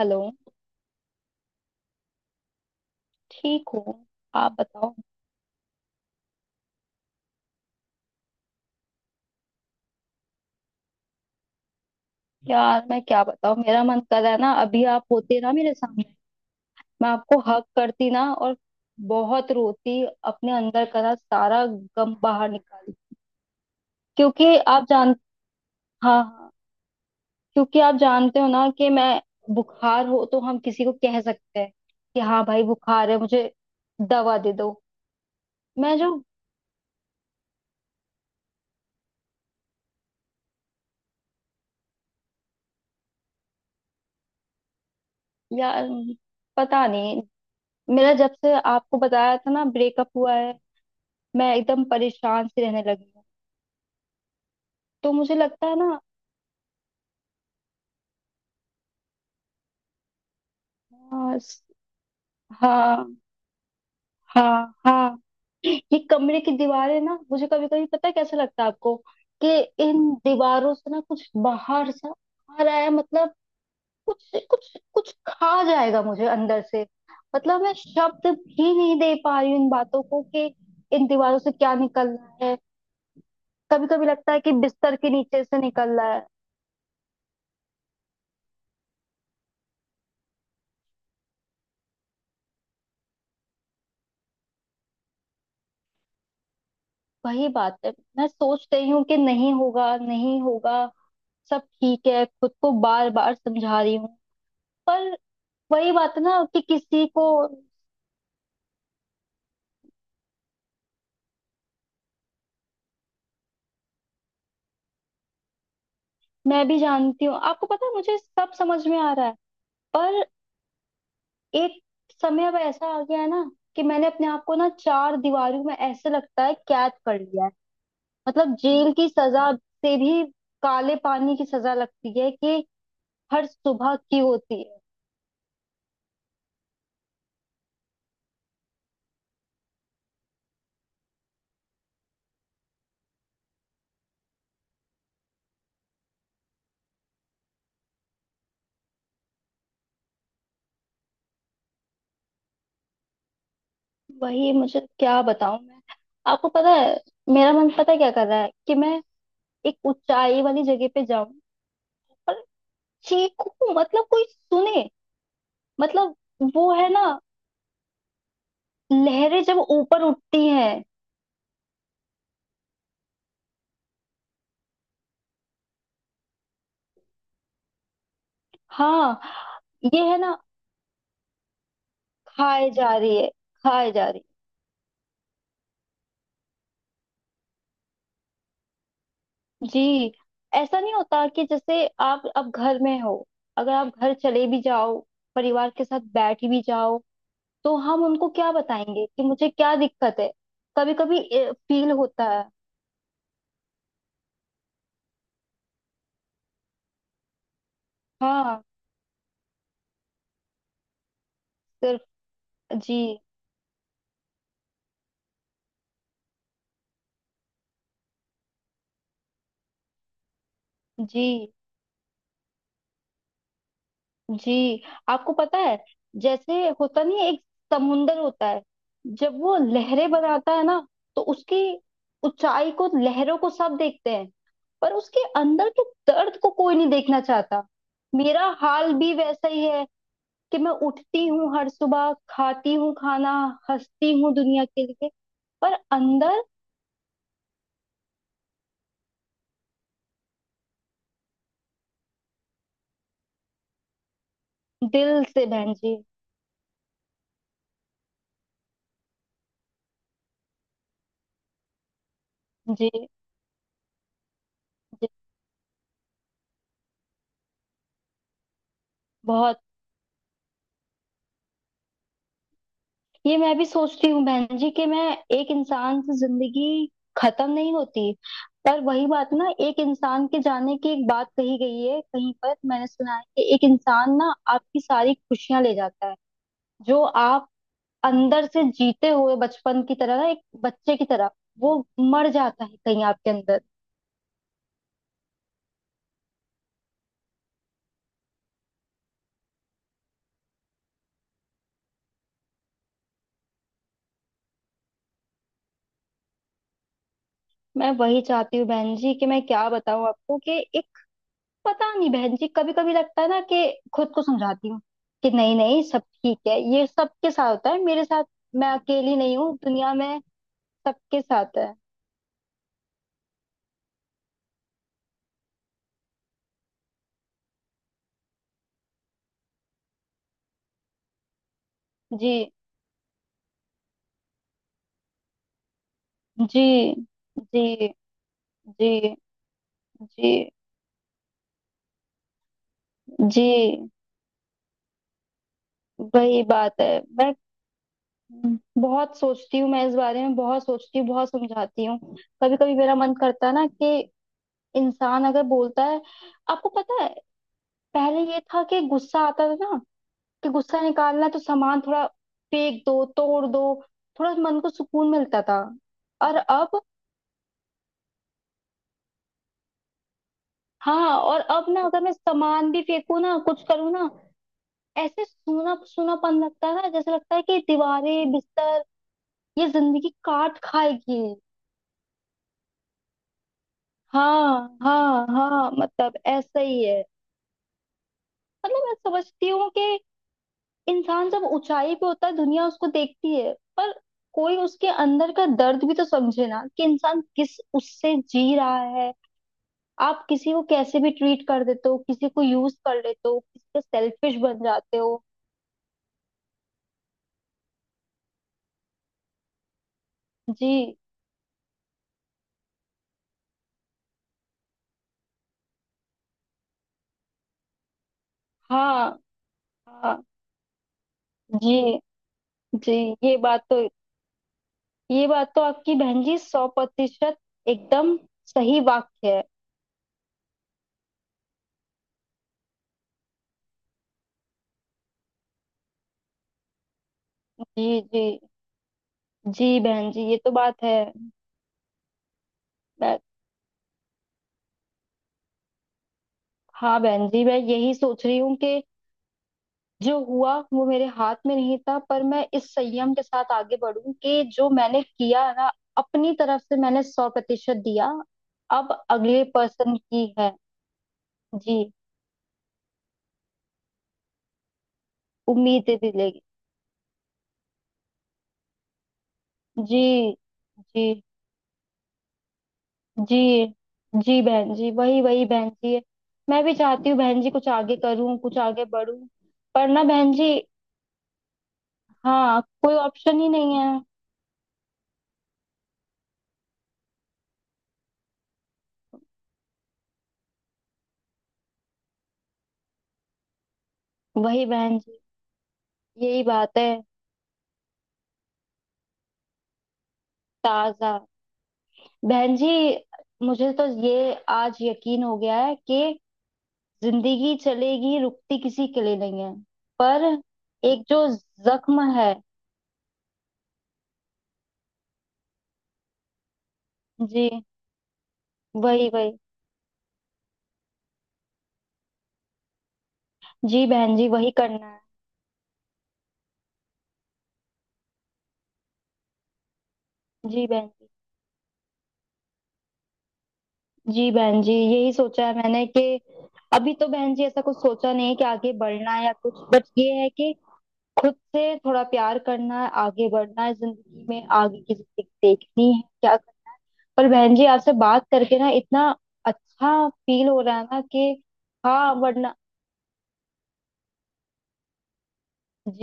Hello. ठीक हूँ। आप बताओ। यार मैं क्या बताऊँ, मेरा मन कर रहा है ना अभी आप होते ना मेरे सामने। मैं आपको हक करती ना, और बहुत रोती, अपने अंदर का ना सारा गम बाहर निकाली। क्योंकि आप जान। हाँ हाँ। क्योंकि आप जानते हो ना कि मैं। बुखार हो तो हम किसी को कह सकते हैं कि हाँ भाई बुखार है मुझे, दवा दे दो। मैं जो। यार पता नहीं, मेरा जब से आपको बताया था ना ब्रेकअप हुआ है, मैं एकदम परेशान सी रहने लगी हूँ। तो मुझे लगता है ना। हाँ हाँ। हाँ हाँ। ये कमरे की दीवारें ना, मुझे कभी कभी, पता है कैसे लगता है आपको, कि इन दीवारों से ना कुछ बाहर सा आ रहा है। मतलब कुछ कुछ कुछ खा जाएगा मुझे अंदर से। मतलब मैं शब्द भी नहीं दे पा रही हूँ इन बातों को, कि इन दीवारों से क्या निकल रहा है। कभी कभी लगता है कि बिस्तर के नीचे से निकल रहा है। वही बात है। मैं सोच रही हूँ कि नहीं होगा, नहीं होगा, सब ठीक है, खुद को बार बार समझा रही हूँ। पर वही बात है ना कि किसी को। मैं भी जानती हूँ, आपको पता है, मुझे सब समझ में आ रहा है। पर एक समय अब ऐसा आ गया है ना, कि मैंने अपने आप को ना चार दीवारों में ऐसे लगता है कैद कर लिया है। मतलब जेल की सजा से भी काले पानी की सजा लगती है, कि हर सुबह की होती है। वही मुझे क्या बताऊं मैं। आपको पता है, मेरा मन पता है क्या कर रहा है, कि मैं एक ऊंचाई वाली जगह पे जाऊं, चीखू, मतलब कोई सुने। मतलब वो है ना, लहरें जब ऊपर उठती हैं। हाँ ये है ना। खाए जा रही है, खाए जा रही है। जी। ऐसा नहीं होता कि जैसे आप अब घर में हो, अगर आप घर चले भी जाओ, परिवार के साथ बैठ भी जाओ, तो हम उनको क्या बताएंगे कि मुझे क्या दिक्कत है। कभी कभी फील होता है। हाँ। सिर्फ। जी जी। जी। आपको पता है, जैसे होता नहीं है, एक समुंदर होता है, जब वो लहरें बनाता है ना, तो उसकी ऊंचाई को, लहरों को, सब देखते हैं, पर उसके अंदर के दर्द को कोई नहीं देखना चाहता। मेरा हाल भी वैसा ही है, कि मैं उठती हूँ हर सुबह, खाती हूँ खाना, हंसती हूँ दुनिया के लिए, पर अंदर। दिल से बहन जी। जी जी। बहुत। ये मैं भी सोचती हूँ बहन जी, कि मैं एक इंसान से जिंदगी खत्म नहीं होती। पर वही बात ना, एक इंसान के जाने की एक बात कही गई है, कहीं पर मैंने सुना है, कि एक इंसान ना आपकी सारी खुशियां ले जाता है। जो आप अंदर से जीते हुए बचपन की तरह ना, एक बच्चे की तरह, वो मर जाता है कहीं आपके अंदर। मैं वही चाहती हूँ बहन जी, कि मैं क्या बताऊँ आपको कि एक। पता नहीं बहन जी, कभी कभी लगता है ना कि, खुद को समझाती हूँ कि नहीं नहीं सब ठीक है, ये सबके साथ होता है, मेरे साथ। मैं अकेली नहीं हूँ दुनिया में। सबके साथ है। जी जी। जी जी। जी जी। वही बात है। मैं बहुत सोचती हूँ, मैं इस बारे में बहुत सोचती हूँ, बहुत समझाती हूँ। कभी कभी मेरा मन करता है ना कि, इंसान अगर बोलता है। आपको पता है, पहले ये था कि गुस्सा आता था ना, कि गुस्सा निकालना है तो सामान थोड़ा फेंक दो, तोड़ दो, थोड़ा मन को सुकून मिलता था। और अब। हाँ, और अब ना अगर मैं सामान भी फेंकू ना, कुछ करूँ ना, ऐसे सूना सूनापन लगता है, जैसे लगता है कि दीवारें, बिस्तर, ये जिंदगी काट खाएगी। हाँ हाँ हाँ, मतलब ऐसा ही है। मतलब मैं समझती हूँ कि, इंसान जब ऊंचाई पे होता है, दुनिया उसको देखती है, पर कोई उसके अंदर का दर्द भी तो समझे ना, कि इंसान किस उससे जी रहा है। आप किसी को कैसे भी ट्रीट कर देते हो, किसी को यूज कर लेते हो, किसी के सेल्फिश बन जाते हो। जी। हाँ हाँ। जी जी। ये बात तो। ये बात तो आपकी बहन जी सौ प्रतिशत एकदम सही वाक्य है। जी जी। जी बहन जी ये तो बात है। मैं। हाँ बहन जी मैं यही सोच रही हूँ कि, जो हुआ वो मेरे हाथ में नहीं था, पर मैं इस संयम के साथ आगे बढूं कि जो मैंने किया है ना, अपनी तरफ से मैंने सौ प्रतिशत दिया। अब अगले पर्सन की है। जी। उम्मीदें दिलेगी। जी जी जी। जी बहन जी, वही वही बहन जी। मैं भी चाहती हूँ बहन जी, कुछ आगे करूँ, कुछ आगे बढूं। पर ना बहन जी। हाँ कोई ऑप्शन ही नहीं है। वही बहन जी। यही बात है। ताजा। बहन जी मुझे तो ये आज यकीन हो गया है कि, जिंदगी चलेगी, रुकती किसी के लिए नहीं है। पर एक जो जख्म है। जी। वही वही। जी बहन जी वही करना है। जी बहन जी। जी बहन जी यही सोचा है मैंने, कि अभी तो बहन जी ऐसा कुछ सोचा नहीं है कि आगे बढ़ना है या कुछ, बट ये है कि खुद से थोड़ा प्यार करना है, आगे बढ़ना है, जिंदगी में आगे की जिंदगी देखनी है क्या। पर बहन जी आपसे बात करके ना इतना अच्छा फील हो रहा है ना कि। हाँ वरना। जी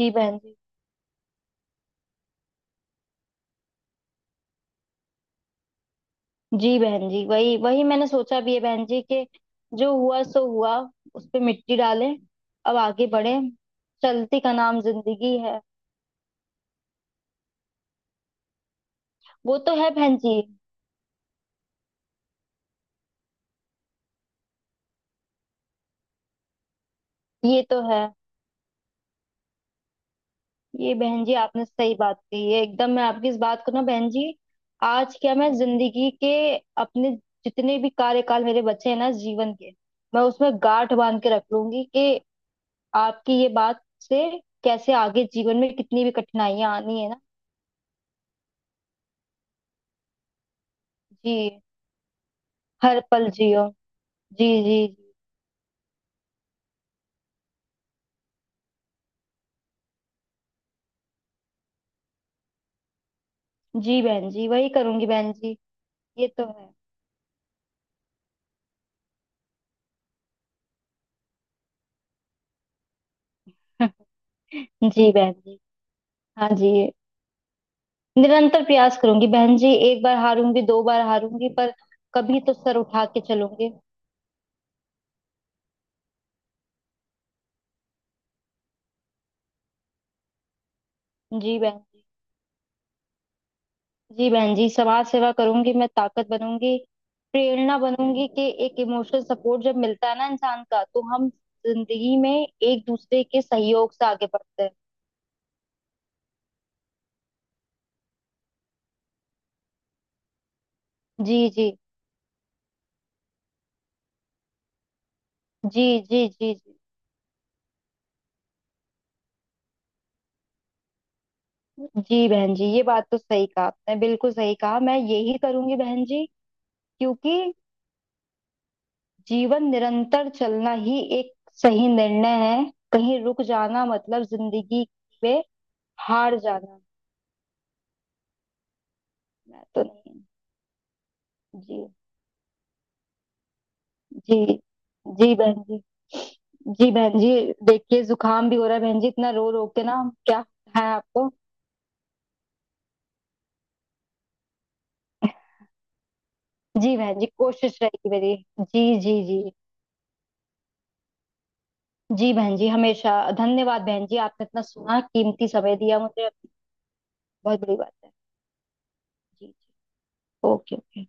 जी बहन जी। जी बहन जी, वही वही मैंने सोचा भी है बहन जी कि, जो हुआ सो हुआ, उस पे मिट्टी डालें, अब आगे बढ़े, चलती का नाम जिंदगी है। वो तो है बहन जी। ये तो है। ये बहन जी आपने सही बात कही है एकदम, मैं आपकी इस बात को ना बहन जी, आज क्या मैं जिंदगी के अपने जितने भी कार्यकाल मेरे बचे हैं ना जीवन के, मैं उसमें गांठ बांध के रख लूंगी कि, आपकी ये बात से कैसे आगे जीवन में कितनी भी कठिनाइयां आनी है ना। जी। हर पल जियो। जी जी जी। जी बहन जी वही करूंगी बहन जी। ये तो है। जी बहन जी। हाँ जी। निरंतर प्रयास करूंगी बहन जी, एक बार हारूंगी, दो बार हारूंगी, पर कभी तो सर उठा के चलूंगी। जी बहन जी। जी बहन जी समाज सेवा करूंगी, मैं ताकत बनूंगी, प्रेरणा बनूंगी, कि एक इमोशनल सपोर्ट जब मिलता है ना इंसान का, तो हम जिंदगी में एक दूसरे के सहयोग से आगे बढ़ते हैं। जी जी जी। जी जी। जी जी बहन जी ये बात तो सही कहा आपने, बिल्कुल सही कहा, मैं यही करूंगी बहन जी, क्योंकि जीवन निरंतर चलना ही एक सही निर्णय है। कहीं रुक जाना मतलब जिंदगी में हार जाना। मैं तो नहीं। जी जी जी बहन जी। जी बहन जी देखिए जुकाम भी हो रहा है बहन जी, इतना रो रो के ना, क्या है आपको। जी बहन जी कोशिश रहेगी मेरी। जी जी जी। जी बहन जी हमेशा। धन्यवाद बहन जी आपने इतना सुना, कीमती समय दिया मुझे, बहुत बड़ी बात है। जी जी। Okay okay.